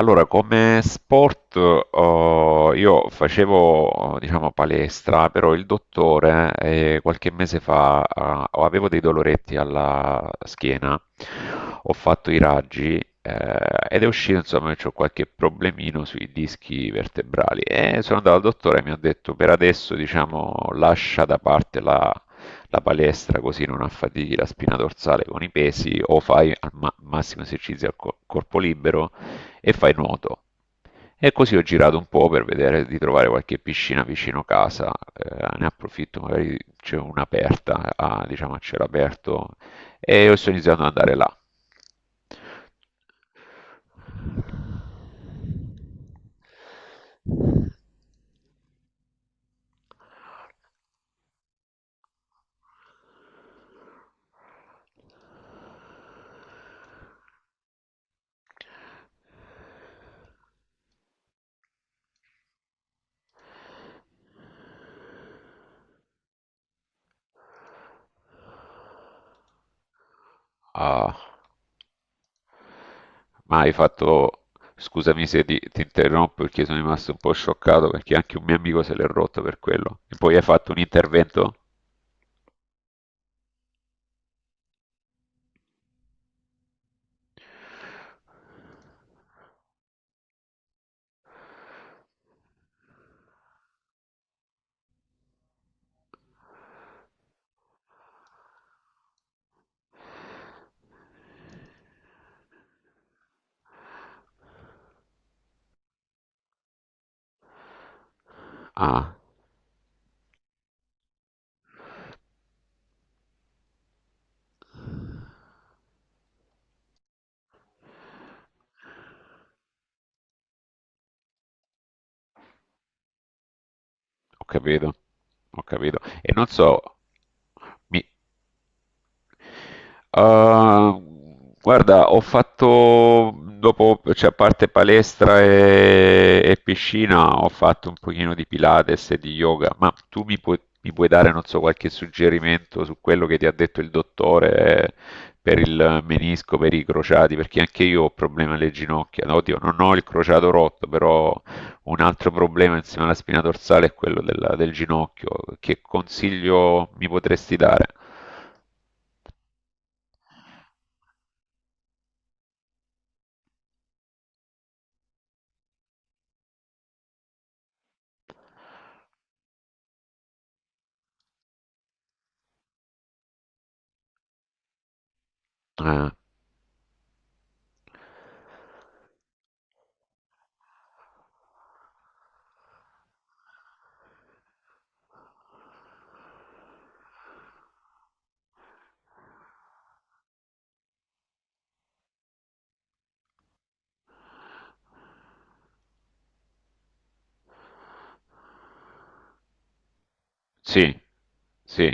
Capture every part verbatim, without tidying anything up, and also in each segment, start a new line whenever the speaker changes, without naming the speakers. Allora, come sport, eh, io facevo, diciamo, palestra, però il dottore, eh, qualche mese fa, eh, avevo dei doloretti alla schiena, ho fatto i raggi, eh, ed è uscito, insomma, che ho qualche problemino sui dischi vertebrali. E sono andato al dottore e mi ha detto, per adesso, diciamo, lascia da parte la la palestra così non affatichi la spina dorsale con i pesi o fai al ma- massimo esercizio al co- corpo libero e fai nuoto. E così ho girato un po' per vedere di trovare qualche piscina vicino casa, eh, ne approfitto, magari c'è un'aperta, a, diciamo a cielo aperto, e ho iniziato ad andare là. Ah, ma hai fatto... Scusami se ti, ti interrompo perché sono rimasto un po' scioccato perché anche un mio amico se l'è rotto per quello. E poi hai fatto un intervento? Ah, ho capito, ho capito. E non so, mi, ah, guarda, ho fatto dopo, cioè a parte palestra e, e piscina, ho fatto un pochino di Pilates e di yoga, ma tu mi puoi, mi puoi dare, non so, qualche suggerimento su quello che ti ha detto il dottore per il menisco, per i crociati, perché anche io ho problemi alle ginocchia. No, oddio, non ho il crociato rotto, però un altro problema insieme alla spina dorsale è quello della- del ginocchio. Che consiglio mi potresti dare? Eh, sì. Sì.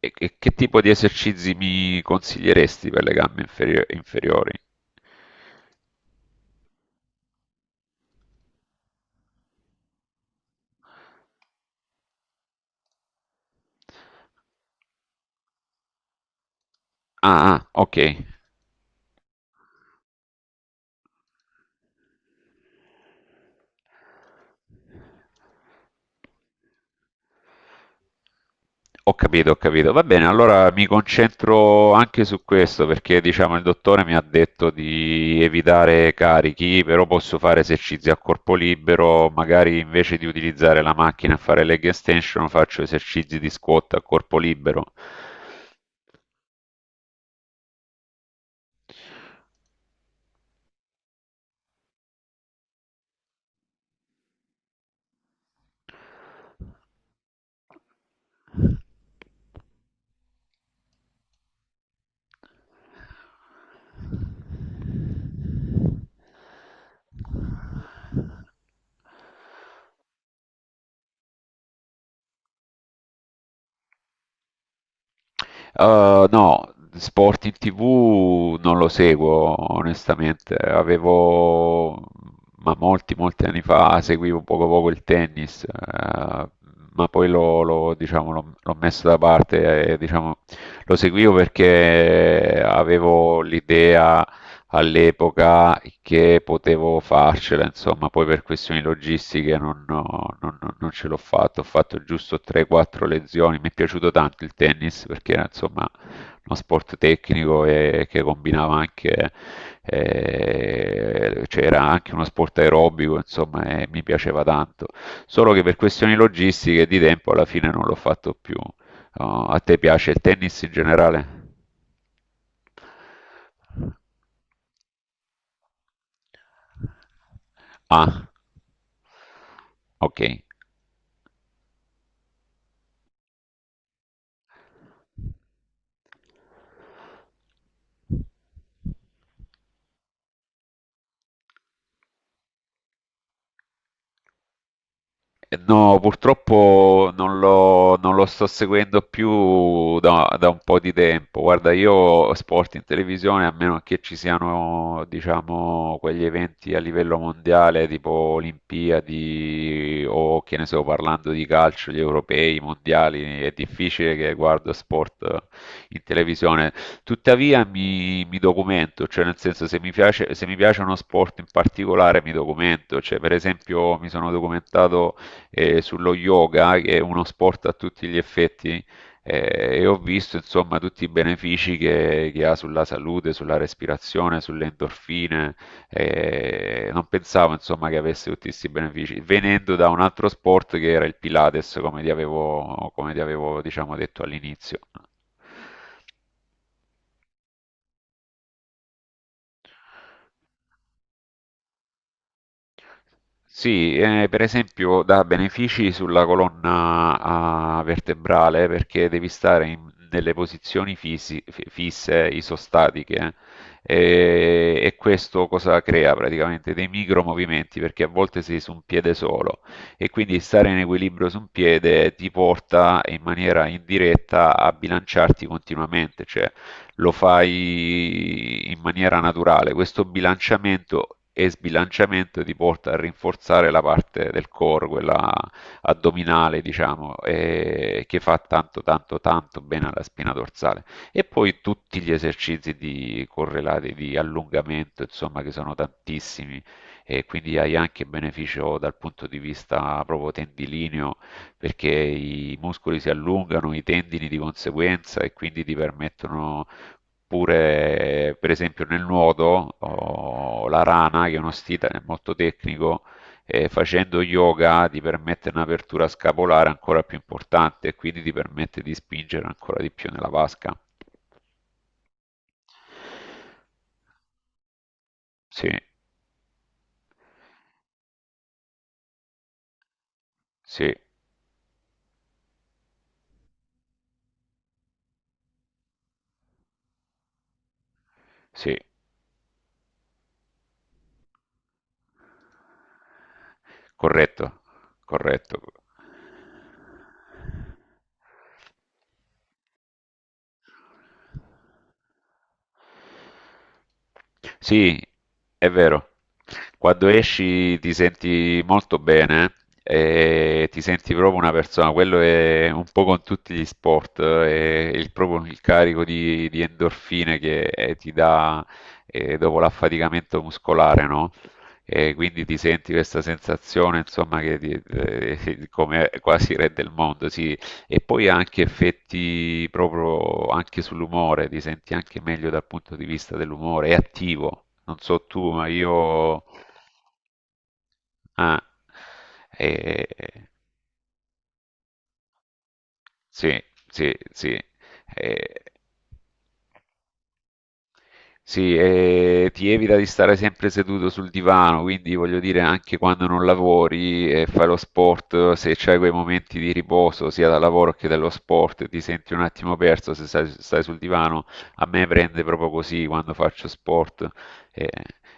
E, e che tipo di esercizi mi consiglieresti per le gambe inferi- inferiori? Ah, ah, ok. Ho capito, ho capito. Va bene, allora mi concentro anche su questo perché diciamo il dottore mi ha detto di evitare carichi, però posso fare esercizi a corpo libero, magari invece di utilizzare la macchina a fare leg extension faccio esercizi di squat a corpo libero. Eh, no, sport in ti vu non lo seguo onestamente. Avevo, ma molti, molti anni fa seguivo poco poco il tennis, eh, ma poi l'ho, l'ho, diciamo, l'ho- l'ho messo da parte. Eh, diciamo, lo seguivo perché avevo l'idea all'epoca che potevo farcela, insomma, poi per questioni logistiche non, no, non- non- non ce l'ho fatto, ho fatto giusto tre quattro lezioni, mi è piaciuto tanto il tennis perché era insomma uno sport tecnico e che combinava anche, eh, cioè era anche uno sport aerobico, insomma, e mi piaceva tanto, solo che per questioni logistiche e di tempo alla fine non l'ho fatto più. Oh, a te piace il tennis in generale? Ah, okay. No, purtroppo non lo, non lo sto seguendo più da, da un po' di tempo. Guarda, io sport in televisione, a meno che ci siano, diciamo, quegli eventi a livello mondiale, tipo Olimpiadi o che ne so, parlando di calcio, gli europei, i mondiali, è difficile che guardo sport in televisione. Tuttavia mi, mi documento, cioè nel senso se mi piace, se mi piace uno sport in particolare mi documento, cioè per esempio mi sono documentato eh, sullo yoga, che è uno sport a tutti gli effetti, eh, e ho visto insomma tutti i benefici che, che ha sulla salute, sulla respirazione, sulle endorfine. Eh, non pensavo insomma che avesse tutti questi benefici, venendo da un altro sport che era il Pilates, come ti avevo, come ti avevo, diciamo, detto all'inizio. Sì, eh, per esempio dà benefici sulla colonna ah, vertebrale perché devi stare in delle posizioni fisi- fi- fisse, isostatiche, eh. E, e questo cosa crea praticamente? Dei micromovimenti perché a volte sei su un piede solo e quindi stare in equilibrio su un piede ti porta in maniera indiretta a bilanciarti continuamente, cioè lo fai in maniera naturale. Questo bilanciamento e sbilanciamento ti porta a rinforzare la parte del core, quella addominale, diciamo, e che fa tanto, tanto, tanto bene alla spina dorsale. E poi tutti gli esercizi di correlati di allungamento, insomma, che sono tantissimi e quindi hai anche beneficio dal punto di vista proprio tendilineo perché i muscoli si allungano, i tendini di conseguenza e quindi ti permettono. Oppure, per esempio, nel nuoto, oh, la rana, che è uno stile molto tecnico, eh, facendo yoga ti permette un'apertura scapolare ancora più importante e quindi ti permette di spingere ancora di più nella vasca. Sì, sì, sì, corretto, corretto. Sì, è vero. Quando esci ti senti molto bene eh, e ti senti proprio una persona. Quello è un po' con tutti gli sport, eh, è il, proprio il carico di, di endorfine che eh, ti dà eh, dopo l'affaticamento muscolare, no? E quindi ti senti questa sensazione, insomma, che ti- eh, come quasi re del mondo. Sì, e poi ha anche effetti proprio anche sull'umore, ti senti anche meglio dal punto di vista dell'umore, è attivo, non so tu, ma io... Ah, eh, sì, sì, sì. eh, Sì, e ti evita di stare sempre seduto sul divano, quindi voglio dire anche quando non lavori e fai lo sport, se c'hai quei momenti di riposo sia dal lavoro che dallo sport, ti senti un attimo perso se stai, stai sul divano, a me prende proprio così quando faccio sport e,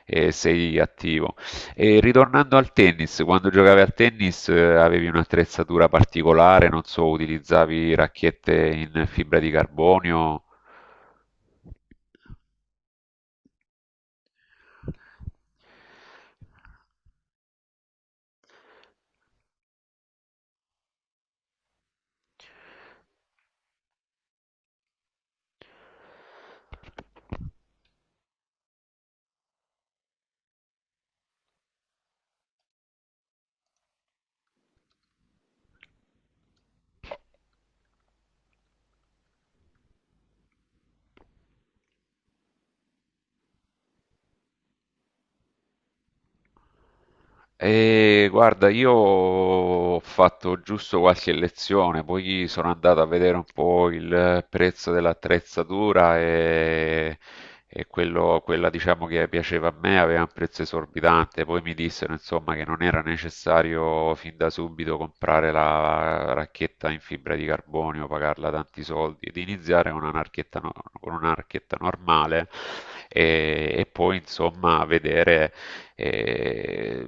e sei attivo. E ritornando al tennis, quando giocavi al tennis eh, avevi un'attrezzatura particolare, non so, utilizzavi racchette in fibra di carbonio? E guarda, io ho fatto giusto qualche lezione, poi sono andato a vedere un po' il prezzo dell'attrezzatura e, e quello- quella diciamo che piaceva a me aveva un prezzo esorbitante, poi mi dissero insomma che non era necessario fin da subito comprare la racchetta in fibra di carbonio, pagarla tanti soldi ed iniziare con una racchetta, no- con una racchetta normale e e poi insomma vedere eh,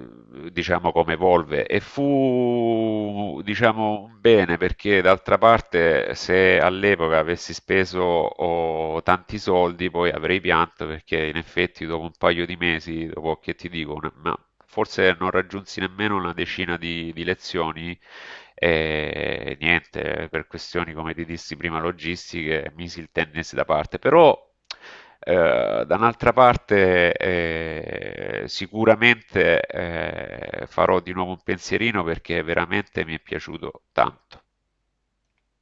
diciamo come evolve e fu diciamo un bene perché d'altra parte se all'epoca avessi speso oh, tanti soldi poi avrei pianto perché in effetti dopo un paio di mesi, dopo che ti dico, una- ma forse non raggiunsi nemmeno una decina di, di lezioni e niente, per questioni come ti dissi prima logistiche, misi il tennis da parte, però eh, da un'altra parte eh, sicuramente eh, farò di nuovo un pensierino perché veramente mi è piaciuto tanto.